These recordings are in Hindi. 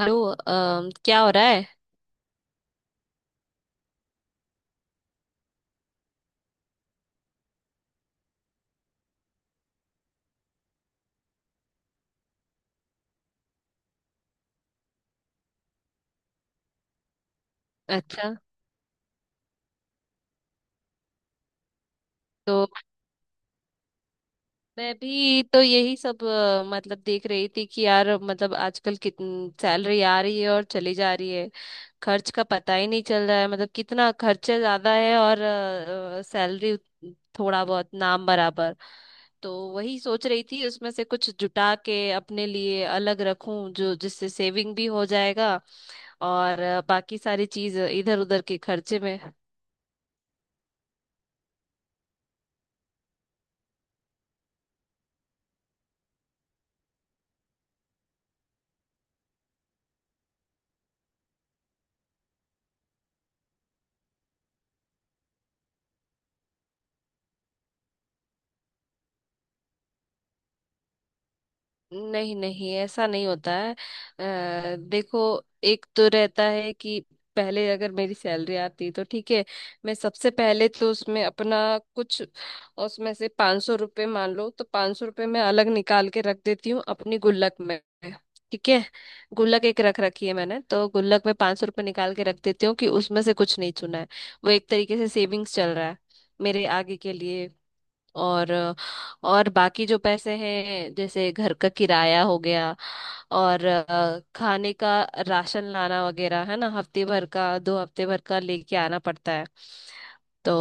हेलो क्या हो रहा है। अच्छा। तो मैं भी तो यही सब मतलब देख रही थी कि यार मतलब आजकल कितनी सैलरी आ रही है और चली जा रही है। खर्च का पता ही नहीं चल रहा है, मतलब कितना खर्चा ज्यादा है और सैलरी थोड़ा बहुत नाम बराबर। तो वही सोच रही थी उसमें से कुछ जुटा के अपने लिए अलग रखूं जो जिससे सेविंग भी हो जाएगा। और बाकी सारी चीज इधर उधर के खर्चे में। नहीं नहीं, ऐसा नहीं होता है। देखो, एक तो रहता है कि पहले अगर मेरी सैलरी आती तो ठीक है, मैं सबसे पहले तो उसमें अपना कुछ उसमें से 500 रुपये मान लो, तो 500 रुपये मैं अलग निकाल के रख देती हूँ अपनी गुल्लक में। ठीक है। गुल्लक एक रख रखी है मैंने, तो गुल्लक में 500 रुपये निकाल के रख देती हूँ कि उसमें से कुछ नहीं चुना है। वो एक तरीके से सेविंग्स चल रहा है मेरे आगे के लिए। और बाकी जो पैसे हैं जैसे घर का किराया हो गया, और खाने का राशन लाना वगैरह है ना, हफ्ते भर का दो हफ्ते भर का लेके आना पड़ता है। तो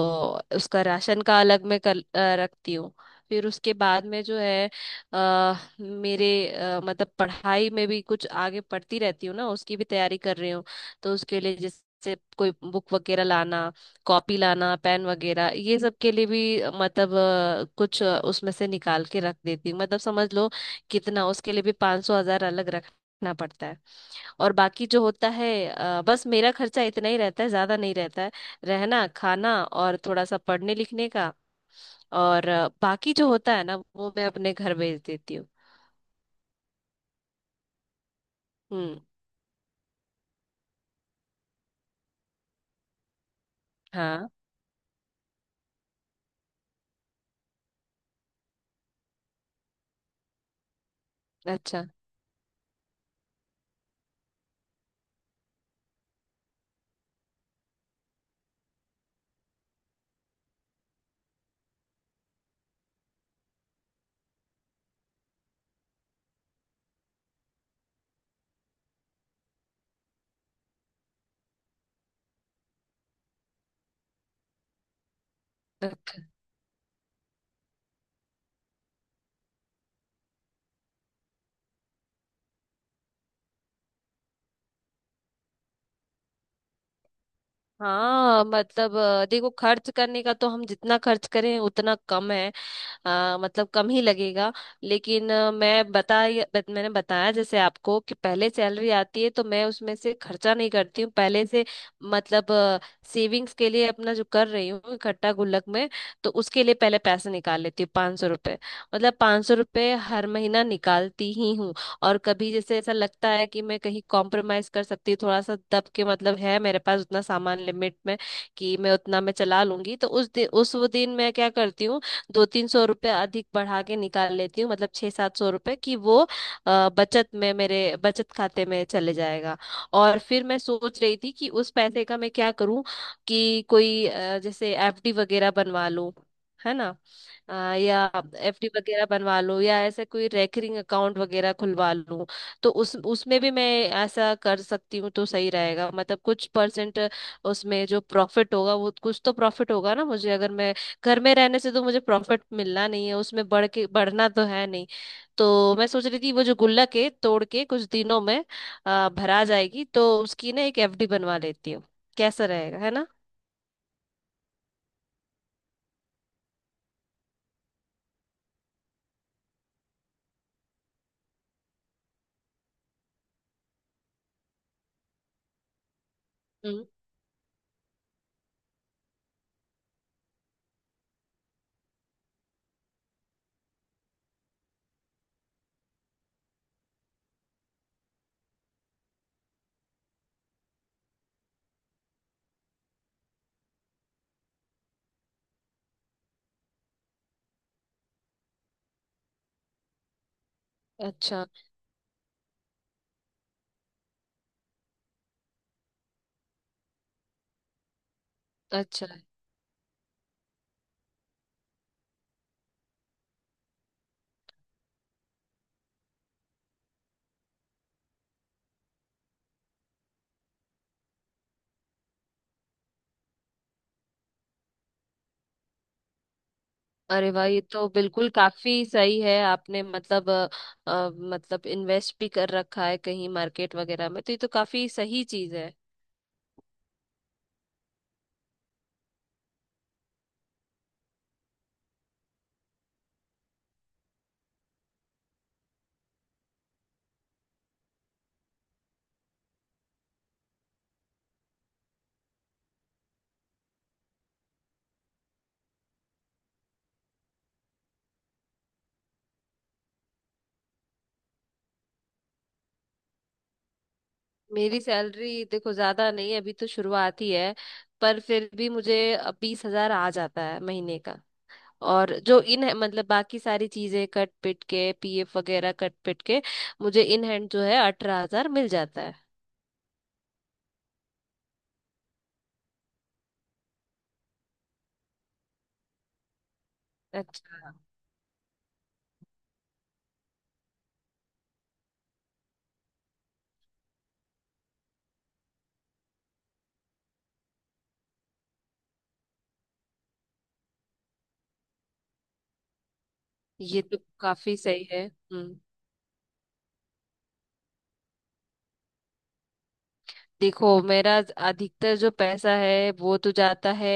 उसका राशन का अलग मैं रखती हूँ। फिर उसके बाद में जो है आ, मेरे मतलब पढ़ाई में भी कुछ आगे पढ़ती रहती हूँ ना, उसकी भी तैयारी कर रही हूँ। तो उसके लिए जैसे कोई बुक वगैरह लाना, कॉपी लाना, पेन वगैरह, ये सब के लिए भी मतलब कुछ उसमें से निकाल के रख देती हूँ, मतलब समझ लो कितना। उसके लिए भी 500 हजार अलग रखना पड़ता है। और बाकी जो होता है बस मेरा खर्चा इतना ही रहता है, ज्यादा नहीं रहता है। रहना खाना और थोड़ा सा पढ़ने लिखने का। और बाकी जो होता है ना वो मैं अपने घर भेज देती हूँ। हम्म। हाँ। अच्छा। अच्छा। हाँ मतलब देखो, खर्च करने का तो हम जितना खर्च करें उतना कम है। मतलब कम ही लगेगा। लेकिन मैंने बताया जैसे आपको कि पहले सैलरी आती है तो मैं उसमें से खर्चा नहीं करती हूँ पहले से। मतलब सेविंग्स के लिए अपना जो कर रही हूँ इकट्ठा गुल्लक में, तो उसके लिए पहले पैसे निकाल लेती हूँ, 500 रुपये। मतलब 500 रुपये हर महीना निकालती ही हूँ। और कभी जैसे ऐसा लगता है कि मैं कहीं कॉम्प्रोमाइज कर सकती हूँ थोड़ा सा दब के, मतलब है मेरे पास उतना सामान लिमिट में कि मैं उतना मैं चला लूंगी, तो उस दिन उस वो दिन मैं क्या करती हूँ, 2-300 रुपये अधिक बढ़ा के निकाल लेती हूँ, मतलब 6-700 रुपये, कि वो अ, बचत में मेरे बचत खाते में चले जाएगा। और फिर मैं सोच रही थी कि उस पैसे का मैं क्या करूँ, कि कोई जैसे एफडी वगैरह बनवा लूं, है ना। अ, या एफडी वगैरह बनवा लूं या ऐसे कोई रेकरिंग अकाउंट वगैरह खुलवा लूं। तो उस उसमें भी मैं ऐसा कर सकती हूँ तो सही रहेगा, मतलब कुछ परसेंट उसमें जो प्रॉफिट होगा वो कुछ तो प्रॉफिट होगा ना मुझे। अगर मैं घर में रहने से तो मुझे प्रॉफिट मिलना नहीं है, उसमें बढ़ के बढ़ना तो है नहीं। तो मैं सोच रही थी वो जो गुल्लक है तोड़ के कुछ दिनों में भरा जाएगी, तो उसकी ना एक एफडी बनवा लेती हूँ। कैसा रहेगा, है ना। हम्म। अच्छा। अच्छा। अरे भाई, ये तो बिल्कुल काफी सही है आपने, मतलब मतलब इन्वेस्ट भी कर रखा है कहीं मार्केट वगैरह में, तो ये तो काफी सही चीज है। मेरी सैलरी देखो ज्यादा नहीं है, अभी तो शुरुआत ही है, पर फिर भी मुझे 20 हजार आ जाता है महीने का। और जो इन मतलब बाकी सारी चीजें कट पिट के, पीएफ वगैरह कट पिट के, मुझे इन हैंड जो है 18 हजार मिल जाता है। अच्छा। ये तो काफी सही है। हम्म। देखो, मेरा अधिकतर जो पैसा है वो तो जाता है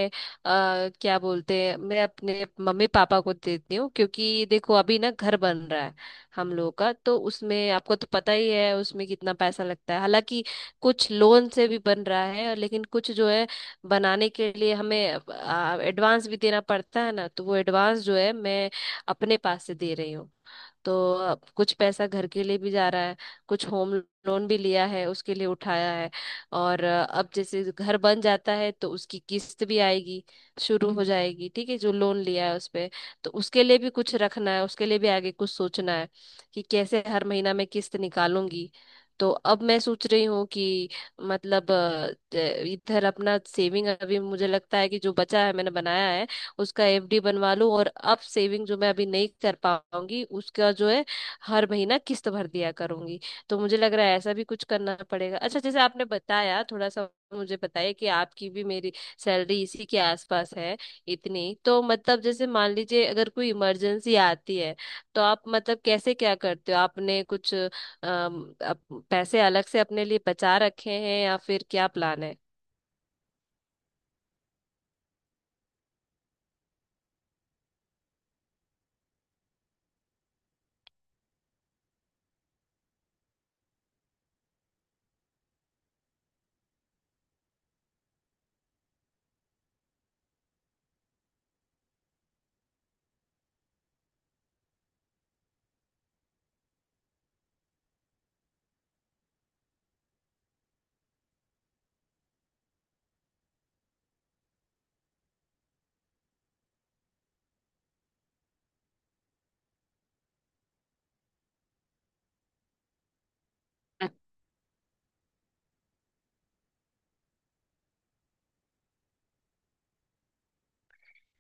क्या बोलते हैं, मैं अपने मम्मी पापा को देती हूँ, क्योंकि देखो अभी ना घर बन रहा है हम लोग का। तो उसमें आपको तो पता ही है उसमें कितना पैसा लगता है। हालांकि कुछ लोन से भी बन रहा है, और लेकिन कुछ जो है बनाने के लिए हमें एडवांस भी देना पड़ता है ना, तो वो एडवांस जो है मैं अपने पास से दे रही हूँ। तो कुछ पैसा घर के लिए भी जा रहा है। कुछ होम लोन भी लिया है, उसके लिए उठाया है। और अब जैसे घर बन जाता है तो उसकी किस्त भी आएगी, शुरू हो जाएगी, ठीक है, जो लोन लिया है उस पे। तो उसके लिए भी कुछ रखना है, उसके लिए भी आगे कुछ सोचना है कि कैसे हर महीना मैं किस्त निकालूंगी। तो अब मैं सोच रही हूँ कि मतलब इधर अपना सेविंग अभी मुझे लगता है कि जो बचा है मैंने बनाया है उसका एफडी बनवा लूं, और अब सेविंग जो मैं अभी नहीं कर पाऊंगी उसका जो है हर महीना किस्त भर दिया करूंगी। तो मुझे लग रहा है ऐसा भी कुछ करना पड़ेगा। अच्छा, जैसे आपने बताया थोड़ा सा मुझे बताइए कि आपकी भी मेरी सैलरी इसी के आसपास है, इतनी तो मतलब। जैसे मान लीजिए अगर कोई इमरजेंसी आती है तो आप मतलब कैसे क्या करते हो, आपने कुछ पैसे अलग से अपने लिए बचा रखे हैं या फिर क्या प्लान है।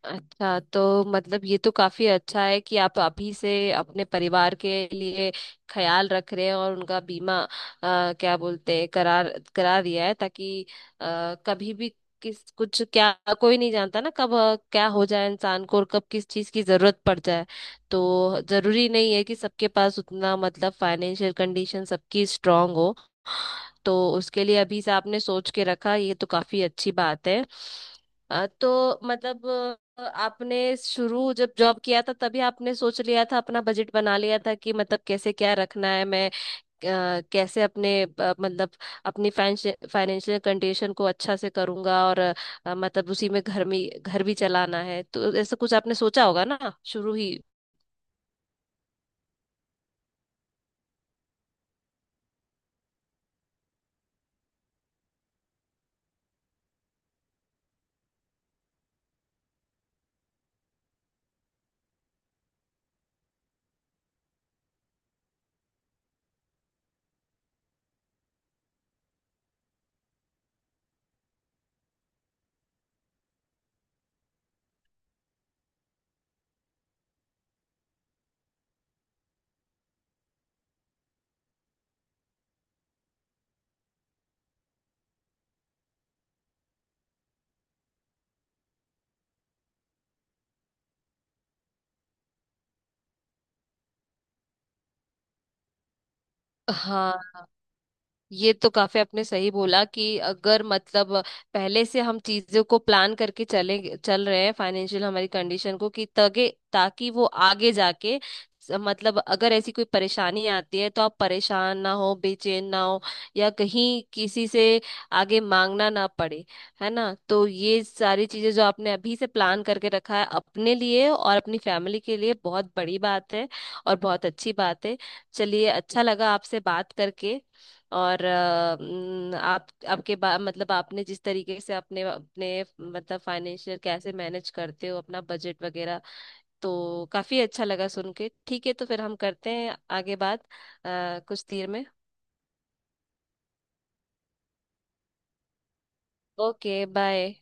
अच्छा, तो मतलब ये तो काफी अच्छा है कि आप अभी से अपने परिवार के लिए ख्याल रख रहे हैं और उनका बीमा क्या बोलते हैं, करा दिया है, ताकि कभी भी किस कुछ क्या कोई नहीं जानता ना कब क्या हो जाए इंसान को, और कब किस चीज की जरूरत पड़ जाए। तो जरूरी नहीं है कि सबके पास उतना मतलब फाइनेंशियल कंडीशन सबकी स्ट्रांग हो। तो उसके लिए अभी से आपने सोच के रखा, ये तो काफी अच्छी बात है। तो मतलब आपने शुरू जब जॉब किया था तभी आपने सोच लिया था, अपना बजट बना लिया था कि मतलब कैसे क्या रखना है, मैं कैसे अपने मतलब अपनी फाइनेंशियल कंडीशन को अच्छा से करूंगा, और मतलब उसी में घर भी चलाना है, तो ऐसा कुछ आपने सोचा होगा ना शुरू ही। हाँ, ये तो काफी आपने सही बोला कि अगर मतलब पहले से हम चीजों को प्लान करके चले चल रहे हैं फाइनेंशियल हमारी कंडीशन को कि तगे, ताकि वो आगे जाके मतलब अगर ऐसी कोई परेशानी आती है तो आप परेशान ना हो, बेचैन ना हो, या कहीं किसी से आगे मांगना ना पड़े, है ना। तो ये सारी चीजें जो आपने अभी से प्लान करके रखा है अपने लिए और अपनी फैमिली के लिए, बहुत बड़ी बात है और बहुत अच्छी बात है। चलिए, अच्छा लगा आपसे बात करके। और अ, न, मतलब आपने जिस तरीके से अपने अपने मतलब फाइनेंशियल कैसे मैनेज करते हो, अपना बजट वगैरह, तो काफी अच्छा लगा सुन के। ठीक है, तो फिर हम करते हैं आगे बात कुछ देर में। Okay bye.